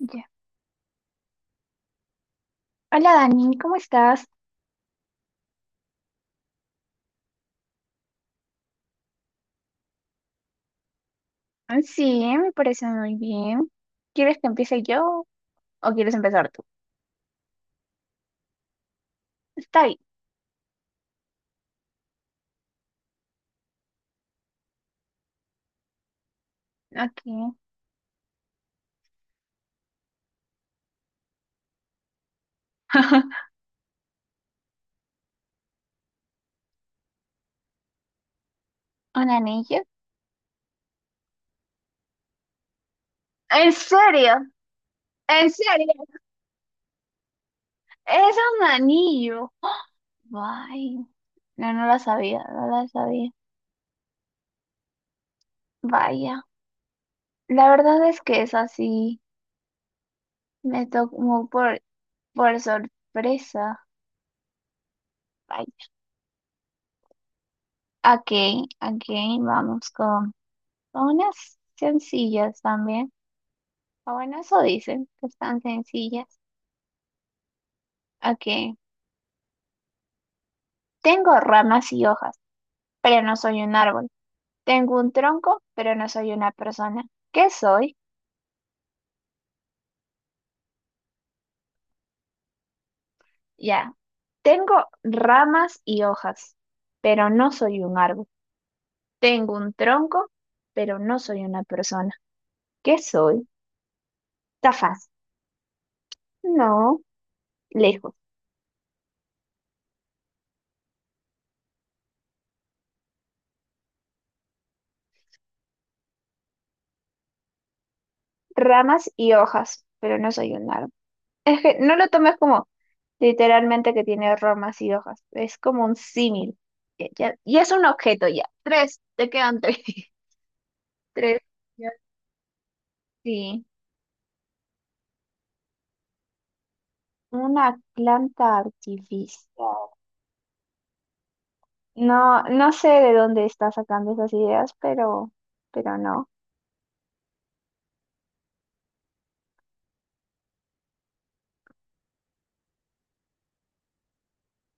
Ya. Hola Dani, ¿cómo estás? Sí, me parece muy bien. ¿Quieres que empiece yo o quieres empezar tú? Está bien, ok. ¿Un anillo? ¿En serio? ¿En serio? Es un anillo. Vaya. No, no lo sabía, no lo sabía. Vaya. La verdad es que es así. Me tocó por sorpresa. Vaya. Ok, ok, vamos con unas sencillas también. Bueno, eso dicen, que están sencillas. Ok. Tengo ramas y hojas, pero no soy un árbol. Tengo un tronco, pero no soy una persona. ¿Qué soy? Ya. Tengo ramas y hojas, pero no soy un árbol. Tengo un tronco, pero no soy una persona. ¿Qué soy? Está fácil. No, lejos. Ramas y hojas, pero no soy un árbol. Es que no lo tomes como literalmente que tiene ramas y hojas. Es como un símil. Y es un objeto ya. Tres, te quedan tres. Tres, ya, sí. Una planta artificial. No, no sé de dónde está sacando esas ideas, pero no.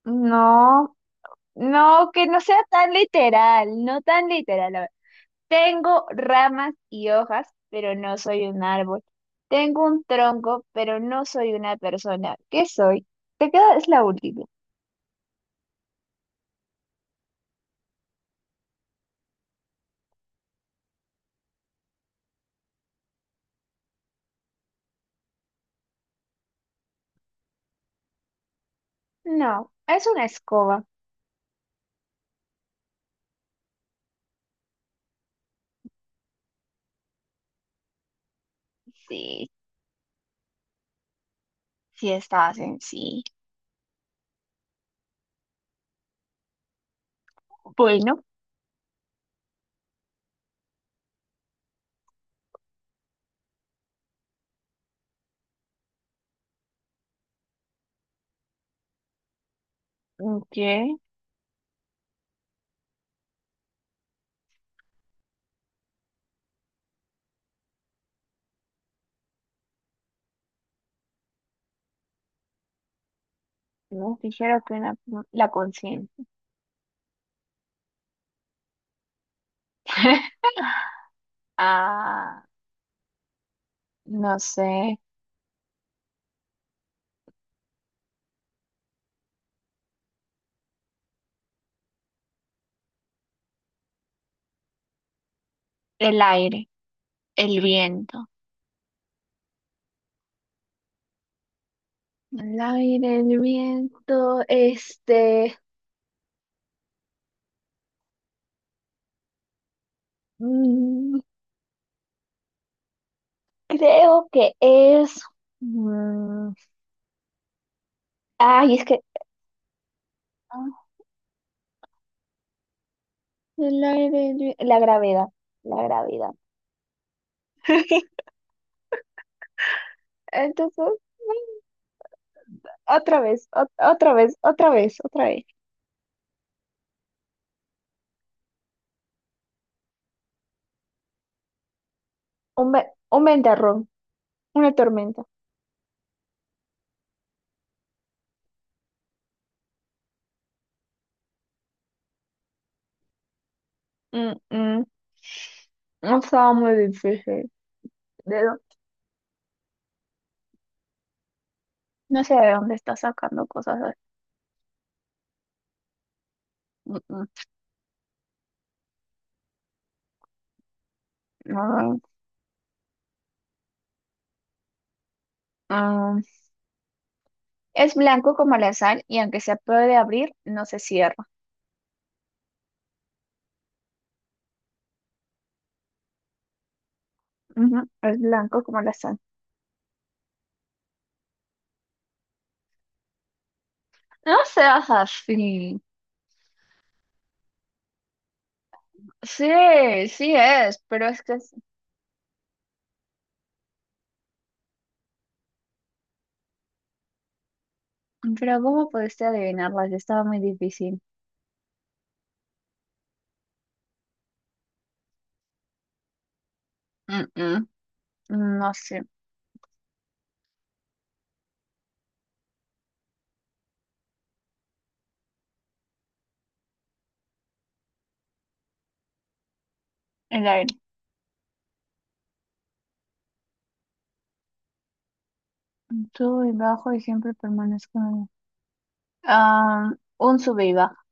No, no, que no sea tan literal, no tan literal. Tengo ramas y hojas, pero no soy un árbol. Tengo un tronco, pero no soy una persona. ¿Qué soy? Te queda, es la última. No, es una escoba. Sí, sí estaba sencillo. Bueno, ¿qué? No, dijeron que una, la conciencia. Ah, no sé. El aire, el viento. El aire, el viento, mm, creo que es, mm, Ay, es que, ah, la, la gravedad, la gravedad. Entonces, bueno, otra vez, otra vez, otra vez, otra vez. Un ventarrón, una tormenta. Mm, mm, no estaba muy difícil. ¿De dó- No sé de dónde está sacando cosas así. Mm, mm, no, mm. Es blanco como la sal y aunque se puede abrir, no se cierra. Ujú, es blanco como la sal. No seas así. Sí, sí es, pero es que pero ¿cómo pudiste adivinarlas? Estaba muy difícil. Mm, mm, no sé. El aire. Subo y bajo y siempre permanezco en Ah, un sube y baja.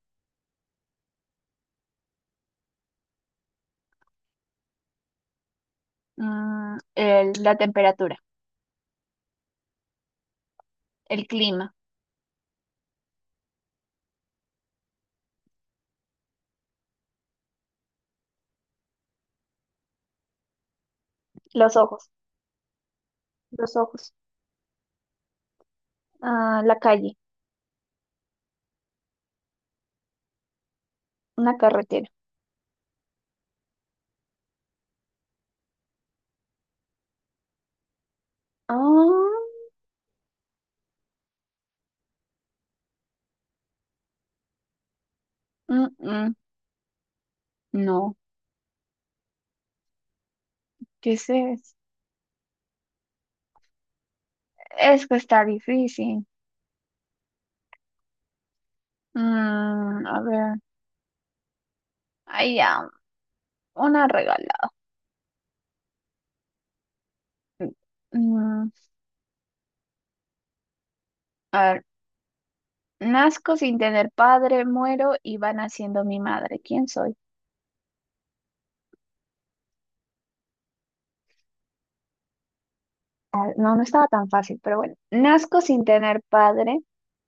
La temperatura. El clima. Los ojos. Los ojos. Ah, la calle. Una carretera. Ah, mm, mm, no. ¿Qué es eso? Es que está difícil. Mm, a ver. Ahí ya. Una regalada. Mm, a ver. Nazco sin tener padre, muero y va naciendo mi madre. ¿Quién soy? No, no estaba tan fácil, pero bueno. Nazco sin tener padre,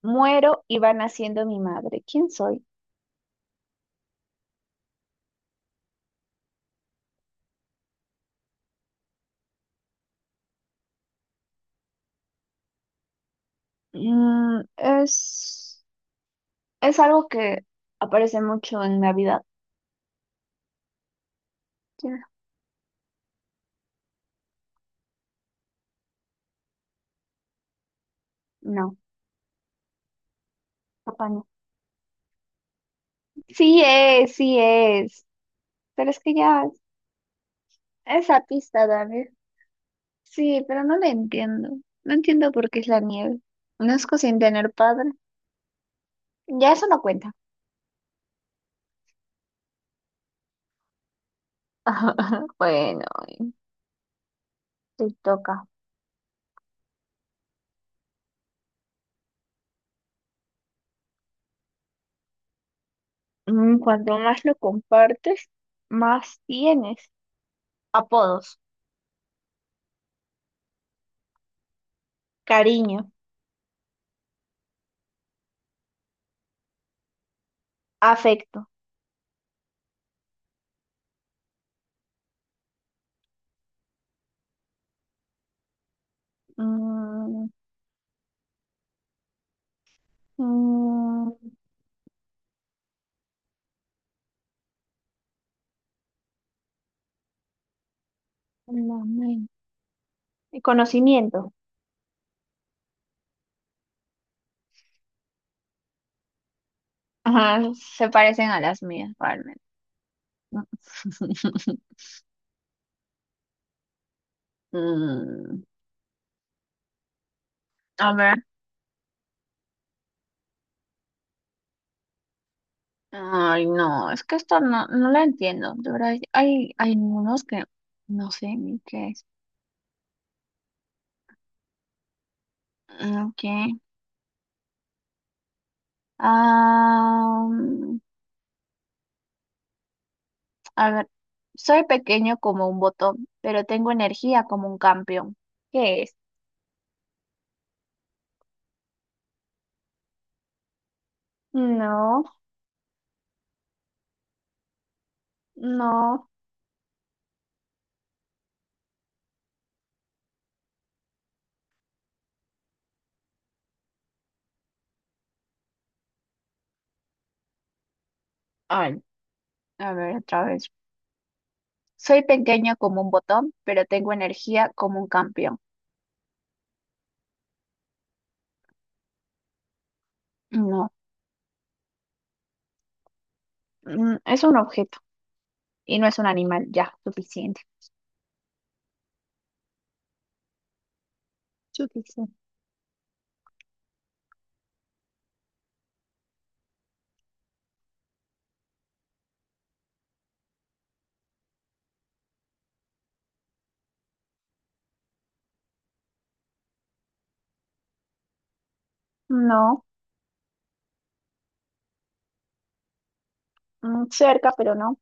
muero y va naciendo mi madre. ¿Quién soy? Mm, es, es algo que aparece mucho en Navidad. ¿Quién era? No, papá no. Sí es, sí es. Pero es que ya, esa pista, David. Sí, pero no la entiendo. No entiendo por qué es la nieve. Nazco sin tener padre. Ya eso no cuenta. Bueno, te toca. Mm, cuanto más lo compartes, más tienes. Apodos, cariño, afecto, mm, mm, la men- conocimiento. Ajá, se parecen a las mías, realmente. Mm, a ver. Ay, no, es que esto no, no la entiendo. De verdad, hay unos que no sé ni qué es. Mm, ok. Ah, a ver, soy pequeño como un botón, pero tengo energía como un campeón. ¿Qué es? No, no. Ay, a ver, otra vez. Soy pequeño como un botón, pero tengo energía como un campeón. No, mm, es un objeto y no es un animal. Ya, suficiente. Suficiente. No, mm, cerca, pero no.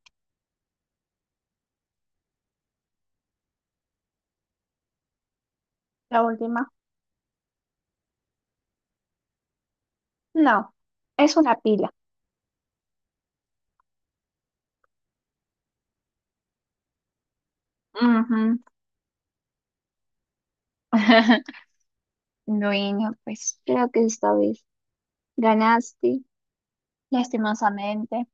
La última. No, es una pila. Ujú. Bueno, pues creo que esta vez ganaste, lastimosamente.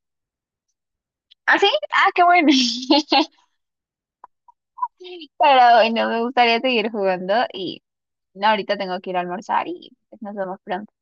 ¿Ah, sí? Ah, qué bueno. Pero no me gustaría seguir jugando y no, ahorita tengo que ir a almorzar y pues, nos vemos pronto.